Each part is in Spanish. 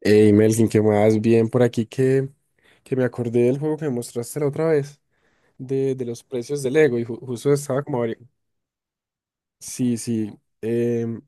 Hey Melkin, ¿qué más? Bien por aquí que me acordé del juego que me mostraste la otra vez, de los precios del Lego, y justo estaba como... Sí, sí, em,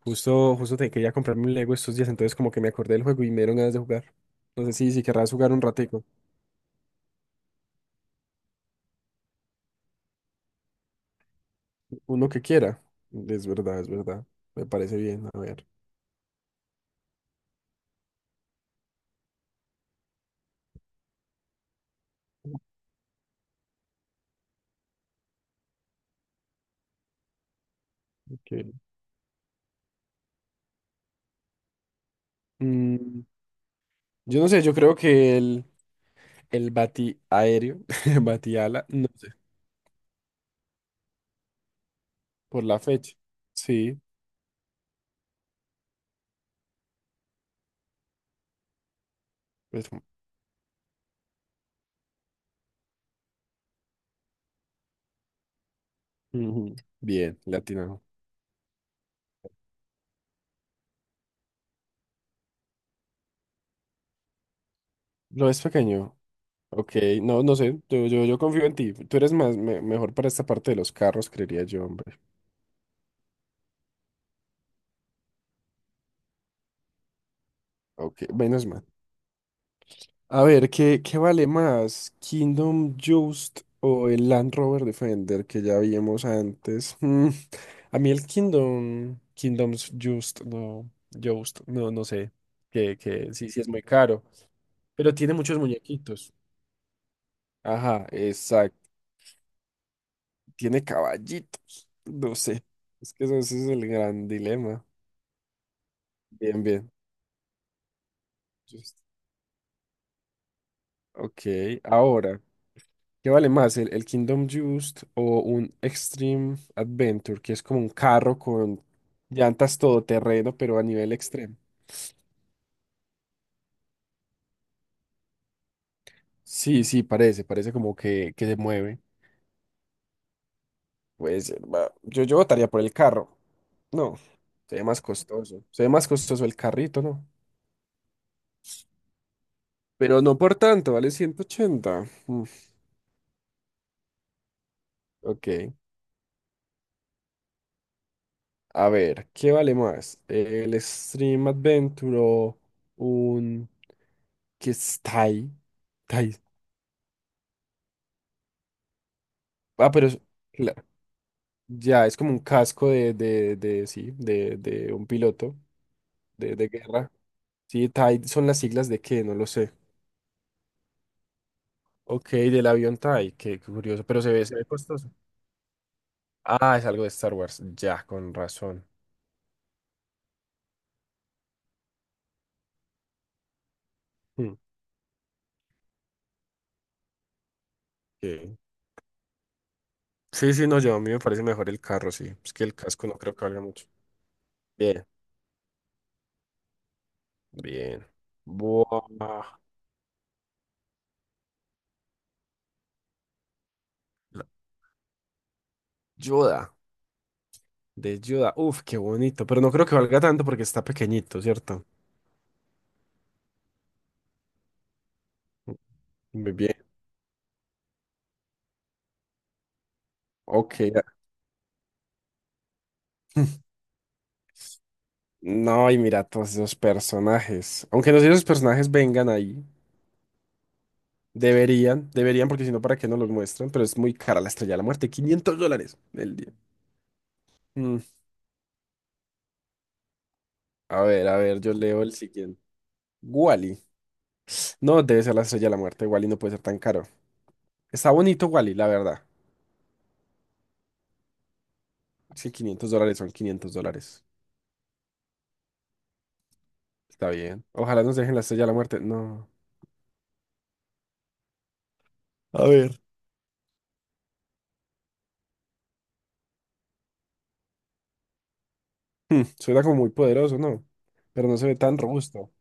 justo te quería comprarme un Lego estos días, entonces como que me acordé del juego y me dieron ganas de jugar. No sé si querrás jugar un ratico, uno que quiera. Es verdad, me parece bien, a ver. Ok. Mm, yo no sé, yo creo que el bati aéreo, batiala, no sé, por la fecha, sí. Pues, ujú. Bien, latino. Lo es pequeño. Ok, no, no sé, yo confío en ti. Tú eres más, mejor para esta parte de los carros, creería yo, hombre. Ok, menos mal. A ver, ¿qué vale más? ¿Kingdom Just o el Land Rover Defender que ya vimos antes? A mí el Kingdom, Kingdoms Just, no, no sé, que sí, sí es muy caro, pero tiene muchos muñequitos. Ajá, exacto. Tiene caballitos. No sé. Es que eso, ese es el gran dilema. Bien, bien. Just- Ok, ahora, ¿qué vale más? ¿El Kingdom Just o un Extreme Adventure, que es como un carro con llantas todoterreno, pero a nivel extremo? Sí, sí, parece como que se mueve. Pues va, yo votaría por el carro. No, se ve más costoso. Se ve más costoso el carrito, ¿no? Pero no por tanto, vale 180. Mm, ok. A ver, ¿qué vale más? ¿El Stream Adventure o un... que es Tai? Tai. Ah, pero claro, ya es como un casco de sí, de un piloto de guerra. Sí, Tai son las siglas de qué, no lo sé. Ok, del avión Tai, qué curioso, pero se ve costoso. Ah, es algo de Star Wars, ya, con razón. Hmm, ok. Sí, sí, no, yo a mí me parece mejor el carro, sí. Es que el casco no creo que valga mucho. Bien. Bien. Buah. Yoda, de Yoda. Uf, qué bonito. Pero no creo que valga tanto porque está pequeñito, ¿cierto? Muy bien. Ok. No, y mira todos esos personajes. Aunque no sé si esos personajes vengan ahí. Deberían, deberían, porque si no, ¿para qué no los muestran? Pero es muy cara la estrella de la muerte. $500 el día. Mm, a ver, yo leo el siguiente. Wally. No, debe ser la estrella de la muerte. Wally no puede ser tan caro. Está bonito Wally, la verdad. Es que $500 son $500. Está bien. Ojalá nos dejen la estrella de la muerte. No. A ver. Suena como muy poderoso, ¿no? Pero no se ve tan robusto.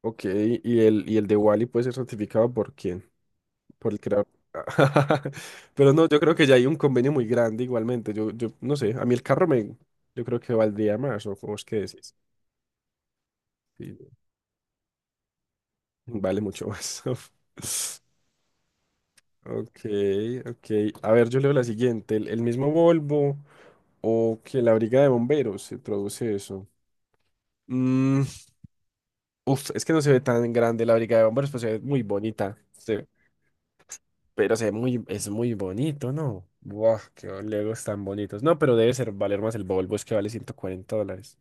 Ok, y el de Wally puede ser certificado por quién? Por el creador. Pero no, yo creo que ya hay un convenio muy grande igualmente. Yo no sé, a mí el carro me, yo creo que valdría más, o vos qué decís. Sí, vale mucho más. Ok, ok. A ver, yo leo la siguiente. El mismo Volvo o que la briga de bomberos se traduce eso. Mm, Uf, es que no se ve tan grande la brigada de bomberos, pero se ve muy bonita. Pero se ve muy, es muy bonito, ¿no? Buah, qué legos tan bonitos. No, pero debe ser valer más el Volvo, es que vale $140.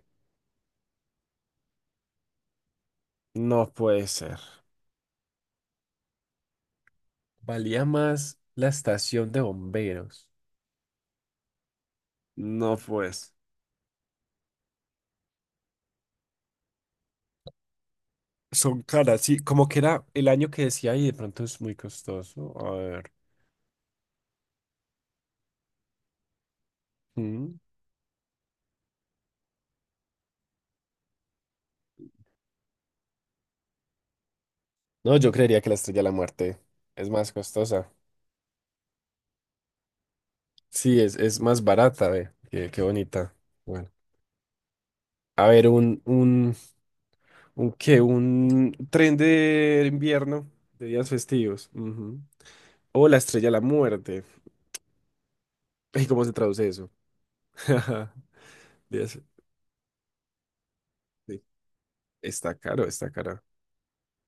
No puede ser. Valía más la estación de bomberos. No, pues. Son caras, sí. Como que era el año que decía y de pronto es muy costoso. A ver. Mm. No, yo creería que la Estrella de la Muerte es más costosa. Sí, es más barata, ve. Qué bonita. Bueno. A ver, un qué, un tren de invierno de días festivos. Ujú. O la estrella de la muerte. ¿Y cómo se traduce eso? Días- sí. Está caro, está caro.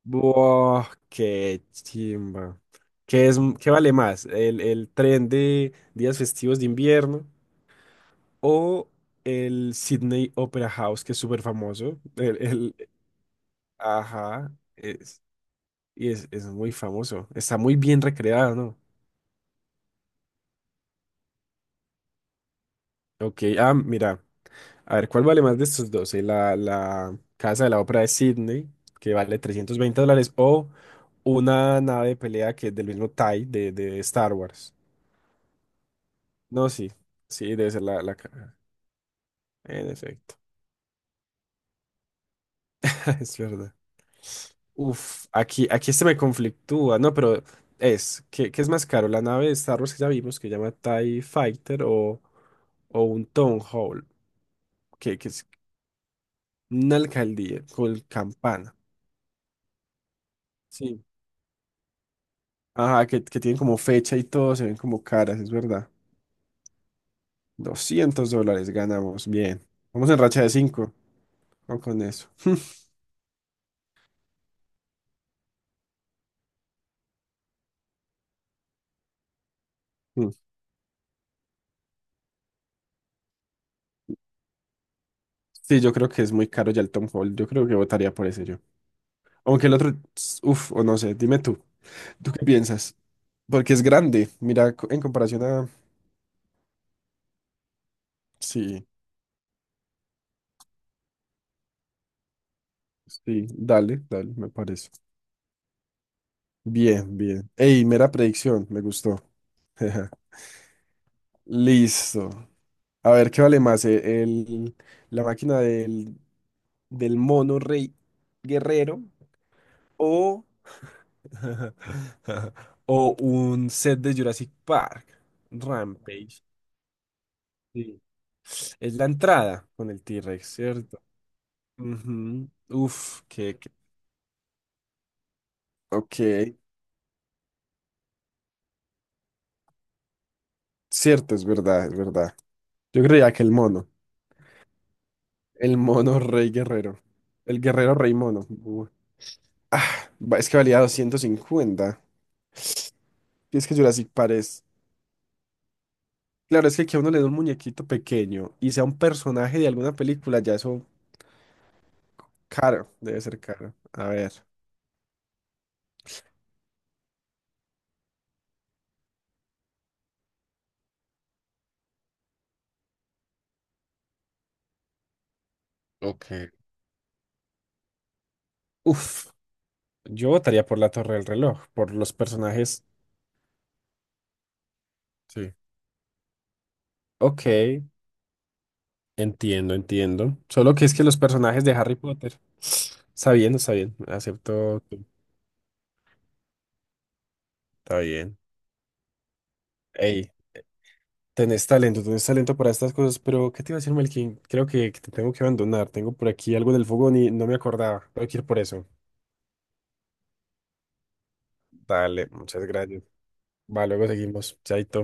Buah, qué chimba. ¿Qué vale más? ¿El tren de días festivos de invierno o el Sydney Opera House, que es súper famoso? Ajá, es, y es muy famoso. Está muy bien recreado, ¿no? Ok, ah, mira, a ver, ¿cuál vale más de estos dos? La casa de la ópera de Sydney, que vale $320, o una nave de pelea que es del mismo TIE de Star Wars. No, sí, sí, debe ser la caja. En efecto, es verdad. Uf, aquí este me conflictúa, no, pero ¿qué es más caro? La nave de Star Wars que ya vimos, que llama TIE Fighter, o un Town Hall, que es una alcaldía con campana. Sí, ajá, que tienen como fecha y todo, se ven como caras, es verdad. $200 ganamos, bien. Vamos en racha de 5, con eso. Mm. Sí, yo creo que es muy caro ya el Tom Hall, yo creo que votaría por ese yo. Aunque el otro, uf, o no sé, dime tú, ¿tú qué piensas? Porque es grande, mira, en comparación a... Sí, sí, dale, dale, me parece. Bien, bien. Ey, mera predicción, me gustó. Listo. A ver, ¿qué vale más? La máquina del mono rey guerrero o, o un set de Jurassic Park, Rampage. Sí. Es la entrada con el T-Rex, ¿cierto? Ujú. Uf. Ok, cierto, es verdad, es verdad. Yo creía que el mono rey guerrero, el guerrero rey mono. Uy. Ah, es que valía 250. Y es que Jurassic Park es... Claro, es que a uno le dé un muñequito pequeño y sea un personaje de alguna película, ya eso. Caro, debe ser caro. A ver. Ok, uf, yo votaría por la Torre del Reloj, por los personajes. Sí. Ok, entiendo, entiendo. Solo que es que los personajes de Harry Potter. Está bien, está bien. Acepto. Está bien. Ey, tenés talento para estas cosas, pero ¿qué te iba a decir, Melkin? Creo que te tengo que abandonar. Tengo por aquí algo del fogón y no me acordaba. Tengo que ir por eso. Dale, muchas gracias. Va, luego seguimos. Chaito.